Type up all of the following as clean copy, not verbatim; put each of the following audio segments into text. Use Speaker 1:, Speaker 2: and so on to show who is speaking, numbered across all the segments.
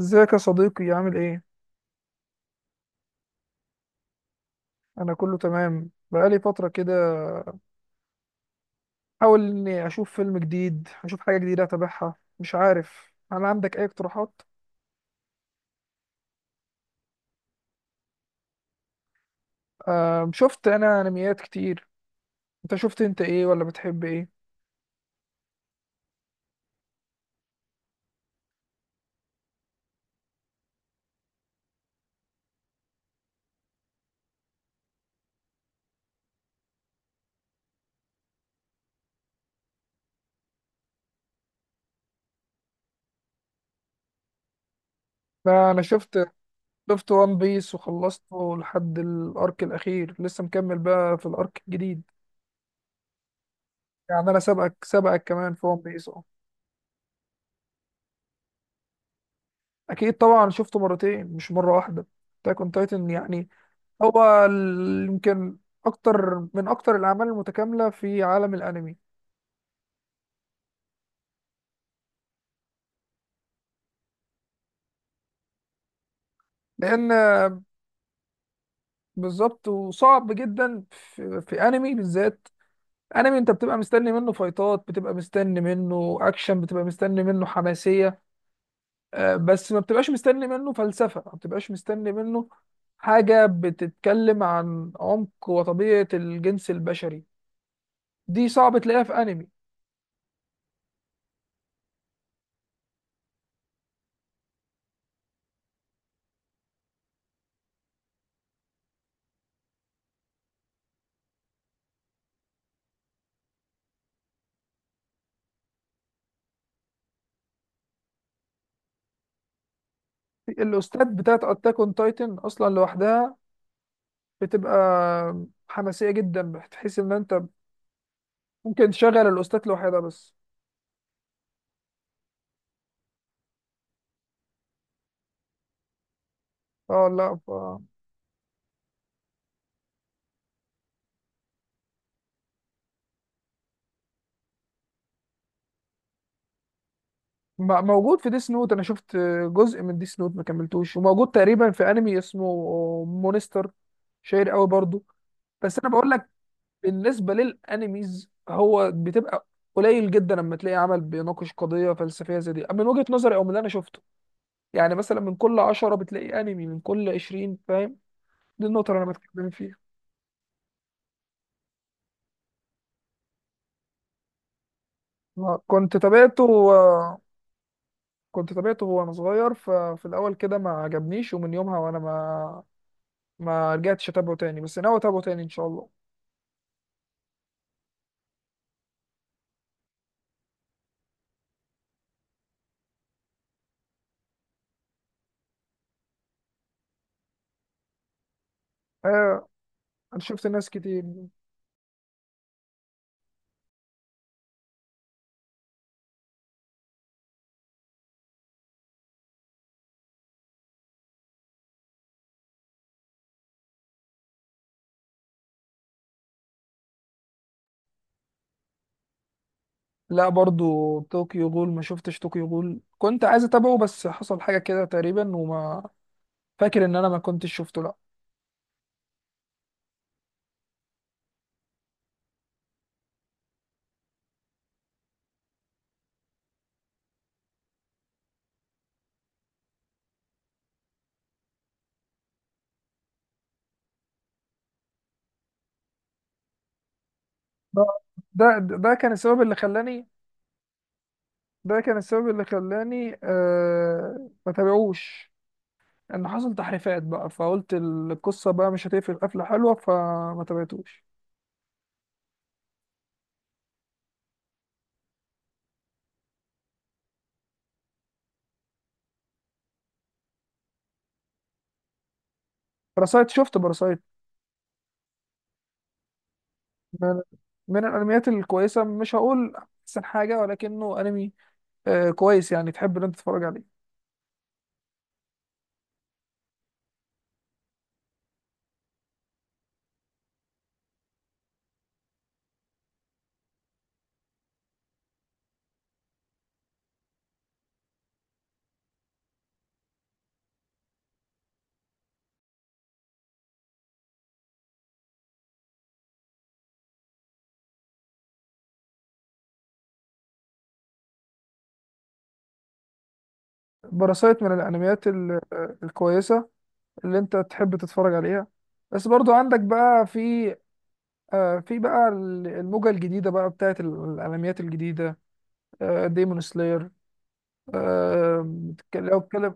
Speaker 1: ازيك يا صديقي؟ عامل ايه؟ انا كله تمام. بقالي فتره كده حاول اني اشوف فيلم جديد، اشوف حاجه جديده اتابعها. مش عارف، هل عندك اي اقتراحات؟ آه شفت انا انميات كتير. انت شفت انت ايه، ولا بتحب ايه؟ لا انا شفت، شفت وان بيس وخلصته لحد الارك الاخير، لسه مكمل بقى في الارك الجديد. يعني انا سبقك كمان في وان بيس. اه اكيد طبعا، شفته مرتين مش مره واحده. تاكون تايتن يعني، يمكن اكتر من اكتر الاعمال المتكامله في عالم الانمي. لان بالظبط، وصعب جدا في انمي بالذات، انمي انت بتبقى مستني منه فايتات، بتبقى مستني منه اكشن، بتبقى مستني منه حماسيه، بس ما بتبقاش مستني منه فلسفه، ما بتبقاش مستني منه حاجه بتتكلم عن عمق وطبيعه الجنس البشري. دي صعب تلاقيها في انمي. الاستاذ بتاعت اتاك اون تايتن اصلا لوحدها بتبقى حماسية جدا، بتحس ان انت ممكن تشغل الاوستات لوحدها بس. اه لا موجود في ديس نوت. انا شفت جزء من ديس نوت، ما كملتوش. وموجود تقريبا في انمي اسمه مونستر، شهير قوي برضو. بس انا بقول لك، بالنسبة للانميز هو بتبقى قليل جدا لما تلاقي عمل بيناقش قضية فلسفية زي دي، من وجهة نظري او من اللي انا شفته. يعني مثلا من كل عشرة بتلاقي انمي، من كل عشرين فاهم. دي النقطة اللي انا بتكلم فيها. آه، كنت تابعته آه، كنت تابعته وانا صغير، ففي الاول كده ما عجبنيش، ومن يومها وانا ما رجعتش اتابعه تاني. بس ناوي اتابعه تاني ان شاء الله. آه انا شفت ناس كتير. لا برضو طوكيو غول ما شفتش، طوكيو غول كنت عايز اتابعه بس حصل حاجة كده تقريبا، وما فاكر ان انا ما كنتش شفته، لا. ده ده كان السبب اللي خلاني، كان السبب اللي خلاني آه ما تابعوش، ان حصل تحريفات بقى، فقلت القصة بقى مش هتقفل قفلة حلوة، فما تابعتوش. باراسايت، شفت باراسايت. من, من الانميات الكويسه، مش هقول احسن حاجه، ولكنه انمي آه كويس، يعني تحب ان انت تتفرج عليه. باراسايت من الانميات الكويسه اللي انت تحب تتفرج عليها. بس برضو عندك بقى في، آه في بقى الموجه الجديده بقى بتاعت الانميات الجديده. آه ديمون سلاير. لو اتكلم،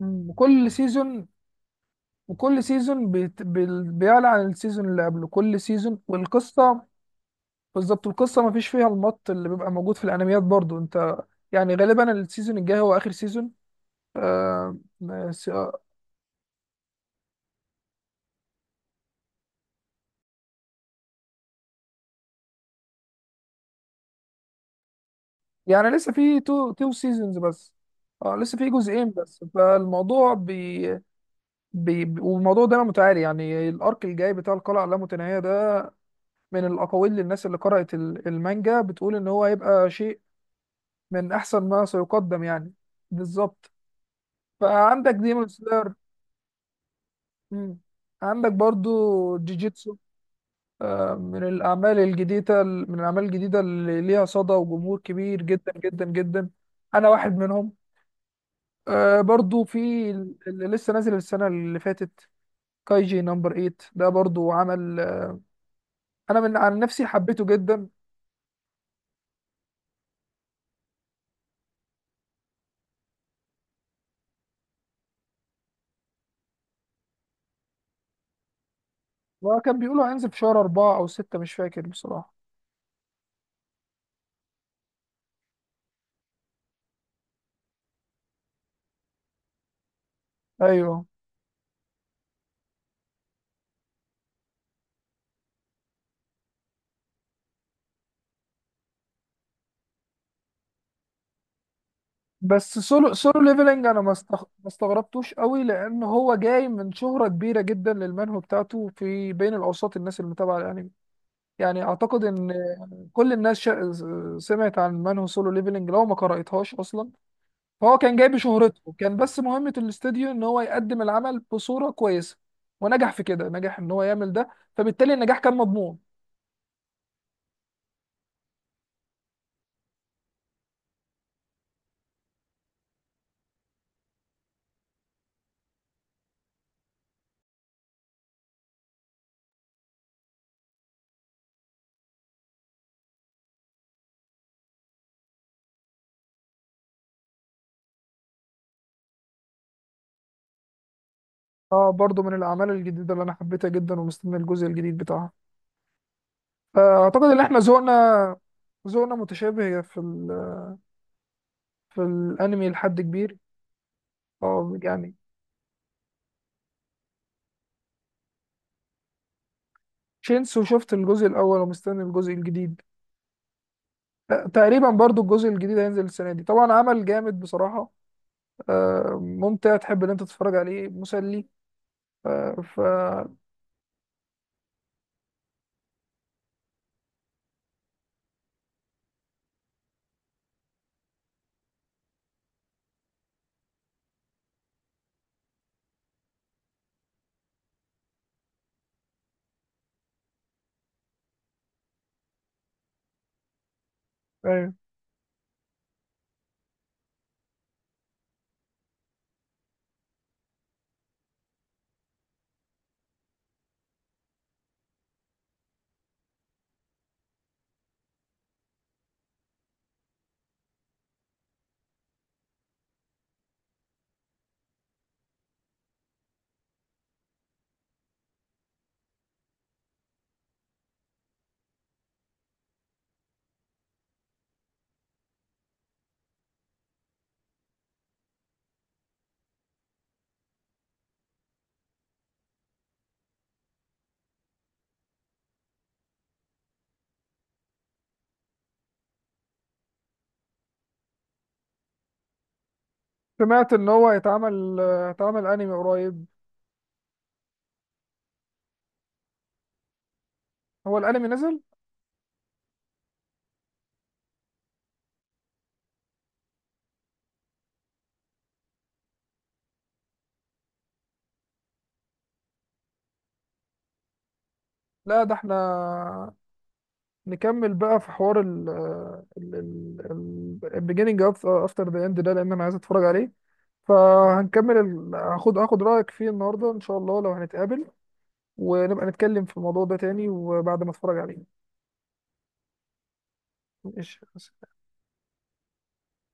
Speaker 1: مم، كل سيزون وكل سيزون بيعلى عن السيزون اللي قبله، كل سيزون والقصه بالظبط. القصه ما فيش فيها المط اللي بيبقى موجود في الانميات. برضو انت، يعني غالبا السيزون الجاي هو اخر سيزون. بس- يعني لسه في تو سيزونز بس، اه لسه في جزئين بس. فالموضوع بي, بي بي- والموضوع ده متعالي، يعني الارك الجاي بتاع القلعه اللامتناهيه ده، من الاقاويل للناس اللي قرأت المانجا، بتقول ان هو هيبقى شيء من احسن ما سيقدم يعني. بالظبط. فعندك ديمون سلاير، عندك برضو جوجيتسو، من الأعمال الجديدة اللي ليها صدى وجمهور كبير جدا جدا جدا. أنا واحد منهم. آه برضو في اللي لسه نازل السنة اللي فاتت، كايجي نمبر 8، ده برضو عمل أنا من عن نفسي حبيته جدا. وكان بيقولوا هينزل في شهر أربعة أو ستة، مش فاكر بصراحة. أيوه، بس سولو ليفلنج أنا ما استغربتوش قوي، لأن هو جاي من شهرة كبيرة جدا للمانهو بتاعته في بين الأوساط، الناس اللي متابعة الأنمي. يعني أعتقد إن كل الناس شا... سمعت عن مان هو سولو ليفلنج، لو ما قرأتهاش اصلا. فهو كان جاي بشهرته، كان بس مهمة الاستوديو ان هو يقدم العمل بصورة كويسة، ونجح في كده، نجح ان هو يعمل ده، فبالتالي النجاح كان مضمون. اه برضو من الاعمال الجديدة اللي انا حبيتها جدا ومستني الجزء الجديد بتاعها. فاعتقد ان احنا ذوقنا متشابه في الانمي لحد كبير. اه يعني، شينسو شفت الجزء الاول ومستني الجزء الجديد. آه، تقريبا برضو الجزء الجديد هينزل السنة دي. طبعا عمل جامد بصراحة، آه، ممتع، تحب ان انت تتفرج عليه، مسلي. آه، ف، ايوه. سمعت ان هو هيتعمل انمي قريب. هو الانمي نزل؟ لا ده احنا نكمل بقى في حوار ال ال ال beginning of after the end ده، لان انا عايز اتفرج عليه. فهنكمل هاخد رايك فيه النهارده ان شاء الله لو هنتقابل، ونبقى نتكلم في الموضوع ده تاني وبعد ما اتفرج عليه. ماشي.